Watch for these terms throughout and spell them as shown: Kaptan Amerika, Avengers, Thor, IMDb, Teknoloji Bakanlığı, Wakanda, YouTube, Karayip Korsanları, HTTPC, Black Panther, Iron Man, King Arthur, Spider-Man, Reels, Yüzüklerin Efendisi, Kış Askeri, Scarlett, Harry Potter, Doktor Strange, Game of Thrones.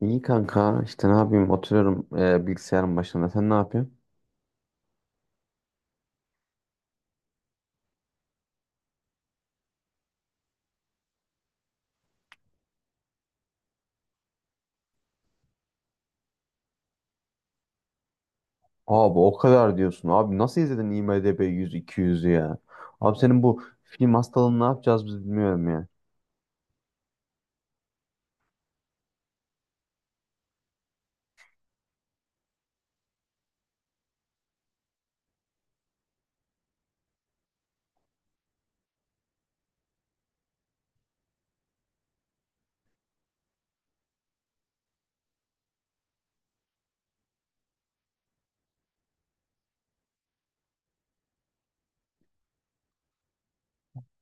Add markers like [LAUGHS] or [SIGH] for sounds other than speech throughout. İyi kanka işte ne yapayım oturuyorum bilgisayarın başında sen ne yapıyorsun? Abi o kadar diyorsun abi nasıl izledin IMDb 100-200'ü ya? Abi senin bu film hastalığını ne yapacağız biz bilmiyorum ya.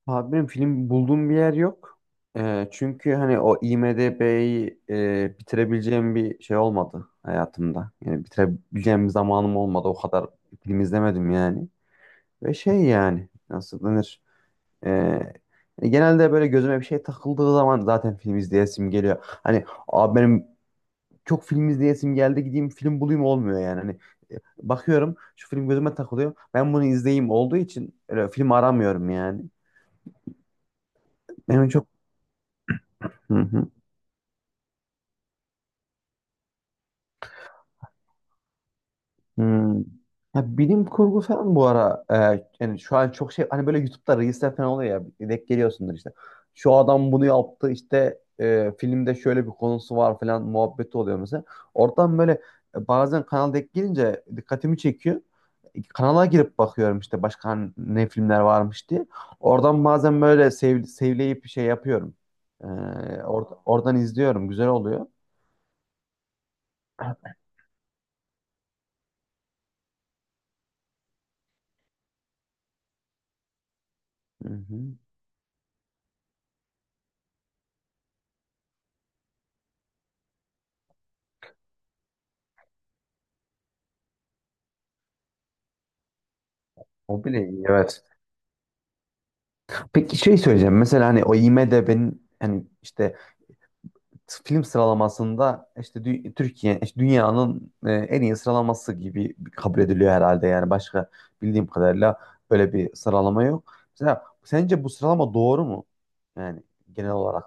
Abi benim film bulduğum bir yer yok. Çünkü hani o IMDb'yi bitirebileceğim bir şey olmadı hayatımda. Yani bitirebileceğim bir zamanım olmadı, o kadar film izlemedim yani. Ve şey yani nasıl denir? Ee, Genelde böyle gözüme bir şey takıldığı zaman zaten film izleyesim geliyor. Hani abi benim çok film izleyesim geldi, gideyim film bulayım olmuyor yani. Hani bakıyorum şu film gözüme takılıyor. Ben bunu izleyeyim olduğu için öyle film aramıyorum yani. Benim çok. Hı hı. Hmm. Ya bilim kurgu falan bu ara, yani şu an çok şey, hani böyle YouTube'da Reels'ler falan oluyor ya, denk geliyorsundur işte. Şu adam bunu yaptı işte, filmde şöyle bir konusu var falan muhabbeti oluyor mesela. Oradan böyle bazen kanal denk gelince dikkatimi çekiyor. Kanala girip bakıyorum işte başka hani ne filmler varmış diye. Oradan bazen böyle sevleyip şey yapıyorum. E, Oradan izliyorum, güzel oluyor. Hı hı. O bile iyi, evet. Peki şey söyleyeceğim. Mesela hani o IMDb'nin hani işte film sıralamasında işte Türkiye, işte dünyanın en iyi sıralaması gibi kabul ediliyor herhalde. Yani başka bildiğim kadarıyla böyle bir sıralama yok. Mesela sence bu sıralama doğru mu? Yani genel olarak.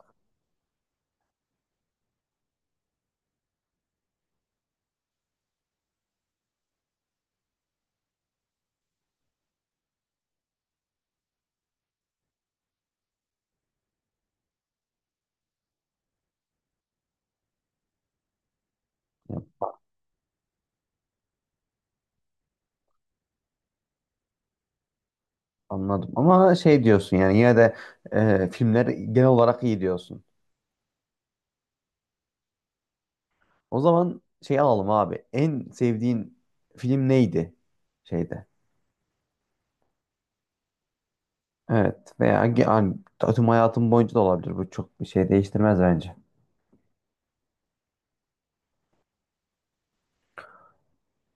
Anladım. Ama şey diyorsun yani, yine de filmler genel olarak iyi diyorsun. O zaman şey alalım abi. En sevdiğin film neydi şeyde? Evet veya yani, tüm hayatım boyunca da olabilir. Bu çok bir şey değiştirmez bence.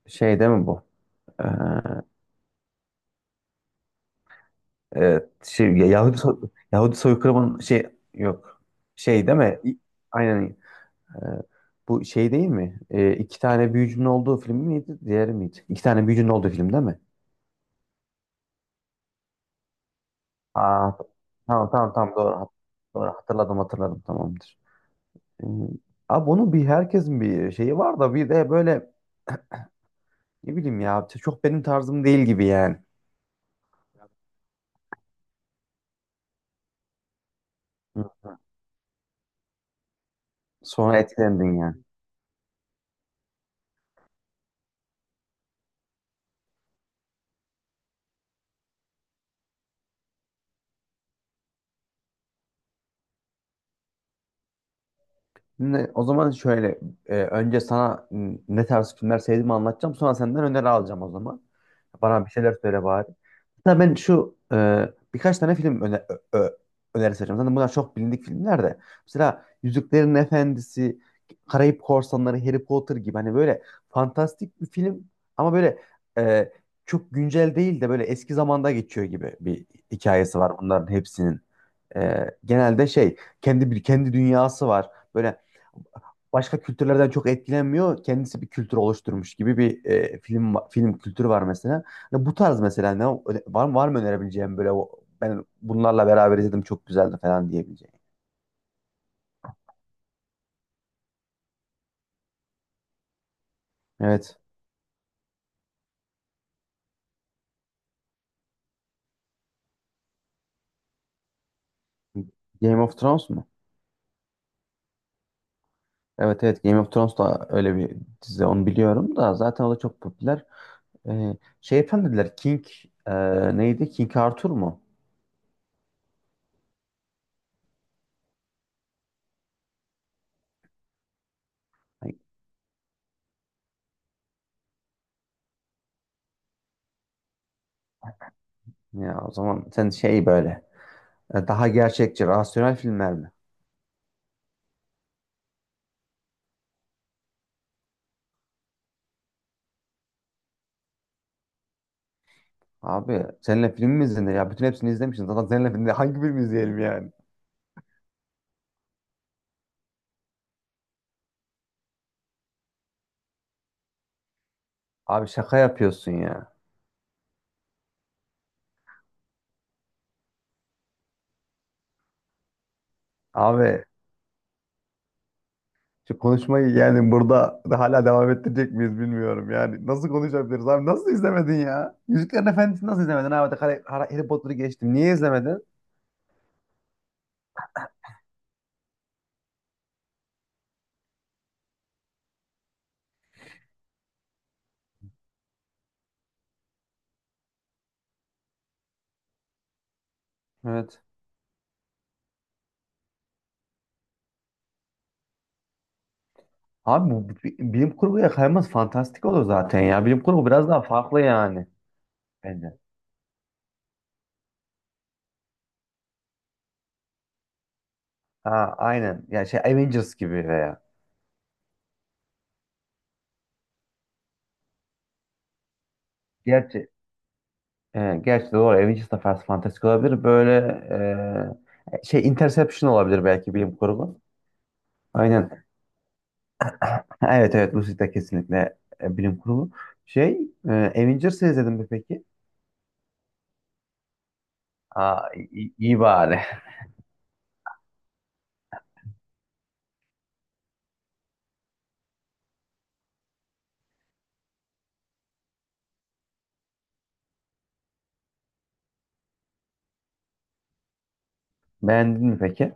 Şey değil mi bu? Ee, evet, şey, Yahudi, Yahudi soykırımın şey, yok. Şey değil mi? Aynen. Ee, Bu şey değil mi? İki tane büyücünün olduğu film miydi? Diğeri miydi? İki tane büyücünün olduğu film değil mi? Aa, tamam tamam tamam, doğru. Doğru, hatırladım hatırladım, tamamdır. Ee, Abi bunun bir herkesin bir şeyi var da bir de böyle, ne bileyim ya, çok benim tarzım değil gibi yani. Hı hı. Sonra etkilendin yani. O zaman şöyle, önce sana ne tarz filmler sevdiğimi anlatacağım. Sonra senden öneri alacağım o zaman. Bana bir şeyler söyle bari. Hatta ben şu birkaç tane film ö, ö- önerisi vereceğim. Zaten bunlar çok bilindik filmler de. Mesela Yüzüklerin Efendisi, Karayip Korsanları, Harry Potter gibi, hani böyle fantastik bir film ama böyle e, çok güncel değil de böyle eski zamanda geçiyor gibi bir hikayesi var bunların hepsinin. Genelde şey kendi bir kendi dünyası var. Böyle başka kültürlerden çok etkilenmiyor. Kendisi bir kültür oluşturmuş gibi bir film film kültürü var mesela. Hani bu tarz mesela ne, var mı önerebileceğim, böyle ben bunlarla beraber izledim çok güzeldi falan diyebileceğim. Evet. Game of Thrones mu? Evet, evet, Game of Thrones da öyle bir dizi, onu biliyorum da zaten o da çok popüler. Şey efendim dediler, King, e, neydi? King Arthur mu? Ay. Ya o zaman sen şey böyle, daha gerçekçi, rasyonel filmler mi? Abi seninle film mi izlenir ya? Bütün hepsini izlemişsin. Zaten seninle filmde [LAUGHS] hangi film izleyelim yani? Abi şaka yapıyorsun ya. Abi şu konuşmayı yani burada da hala devam ettirecek miyiz bilmiyorum yani. Nasıl konuşabiliriz abi? Nasıl izlemedin ya? Yüzüklerin Efendisi'ni nasıl izlemedin abi? Harry Potter'ı geçtim. Niye izlemedin? Evet. Abi bu bilim kurguya kayması fantastik olur zaten ya. Bilim kurgu biraz daha farklı yani. Bence. Ha aynen. Yani şey Avengers gibi veya. Gerçi gerçi doğru, Avengers da Fast Fantastic olabilir. Böyle şey Interception olabilir belki, bilim kurgu. Aynen. [LAUGHS] Evet, evet, Lucid de kesinlikle bilim kurgu. Şey, Avengers'ı izledin mi peki? Aa, iyi, iyi bari. [LAUGHS] Beğendin mi peki?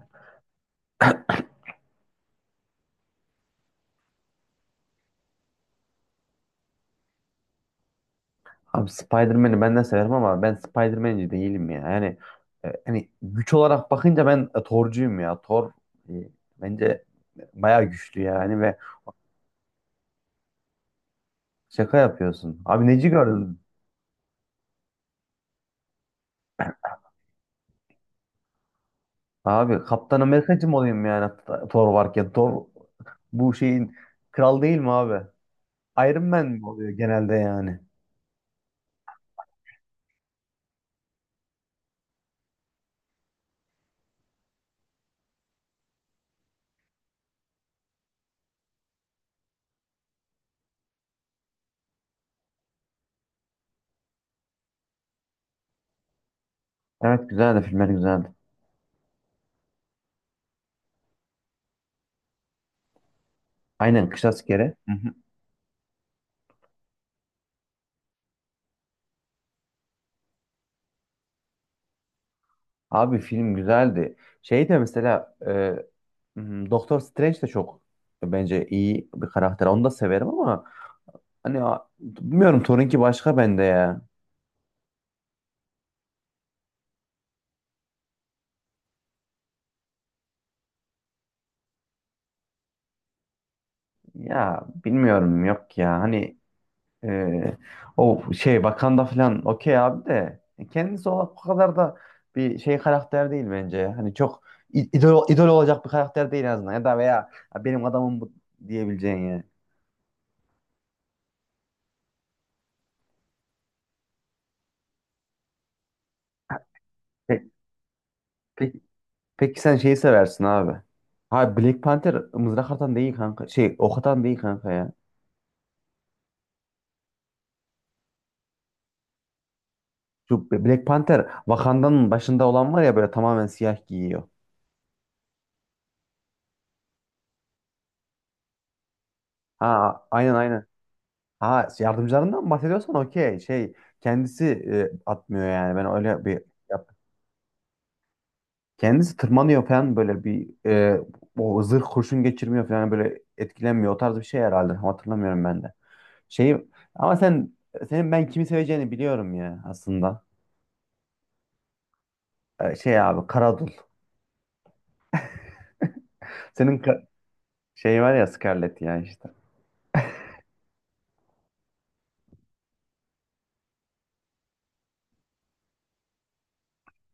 Abi Spider-Man'i ben de severim ama ben Spider-Man'ci değilim ya. Yani hani güç olarak bakınca ben Thor'cuyum ya. Thor e, bence bayağı güçlü yani, ve şaka yapıyorsun. Abi neci gördün? Abi Kaptan Amerikacı mı olayım yani Thor varken? Thor bu şeyin kral değil mi abi? Iron Man mi oluyor genelde yani? Evet, güzeldi, filmler güzeldi. Aynen, Kış Askeri. Hı hı. Abi film güzeldi. Şey de mesela, Doktor Strange de çok bence iyi bir karakter. Onu da severim ama hani bilmiyorum, Thor'unki başka bende ya. Ya bilmiyorum, yok ya. Hani, Ee, o şey Wakanda falan, okey abi, de kendisi o kadar da bir şey karakter değil bence. Hani çok idol, idol olacak bir karakter değil en azından, ya da veya "Ya benim adamım bu" diyebileceğin yani. Pe- pe- peki sen şeyi seversin abi. Ha, Black Panther mızrak atan değil kanka. Şey, ok atan değil kanka ya. Şu Black Panther, Wakanda'nın başında olan var ya, böyle tamamen siyah giyiyor. Ha aynen aynen. Ha şey, yardımcılarından mı bahsediyorsan okey. Şey kendisi atmıyor yani. Ben öyle bir yap- kendisi tırmanıyor falan, böyle bir o zırh kurşun geçirmiyor falan, böyle etkilenmiyor. O tarz bir şey herhalde. Tam hatırlamıyorum ben de. Şey ama senin ben kimi seveceğini biliyorum ya aslında. Şey abi, Karadul. Senin şey var ya, Scarlett ya işte.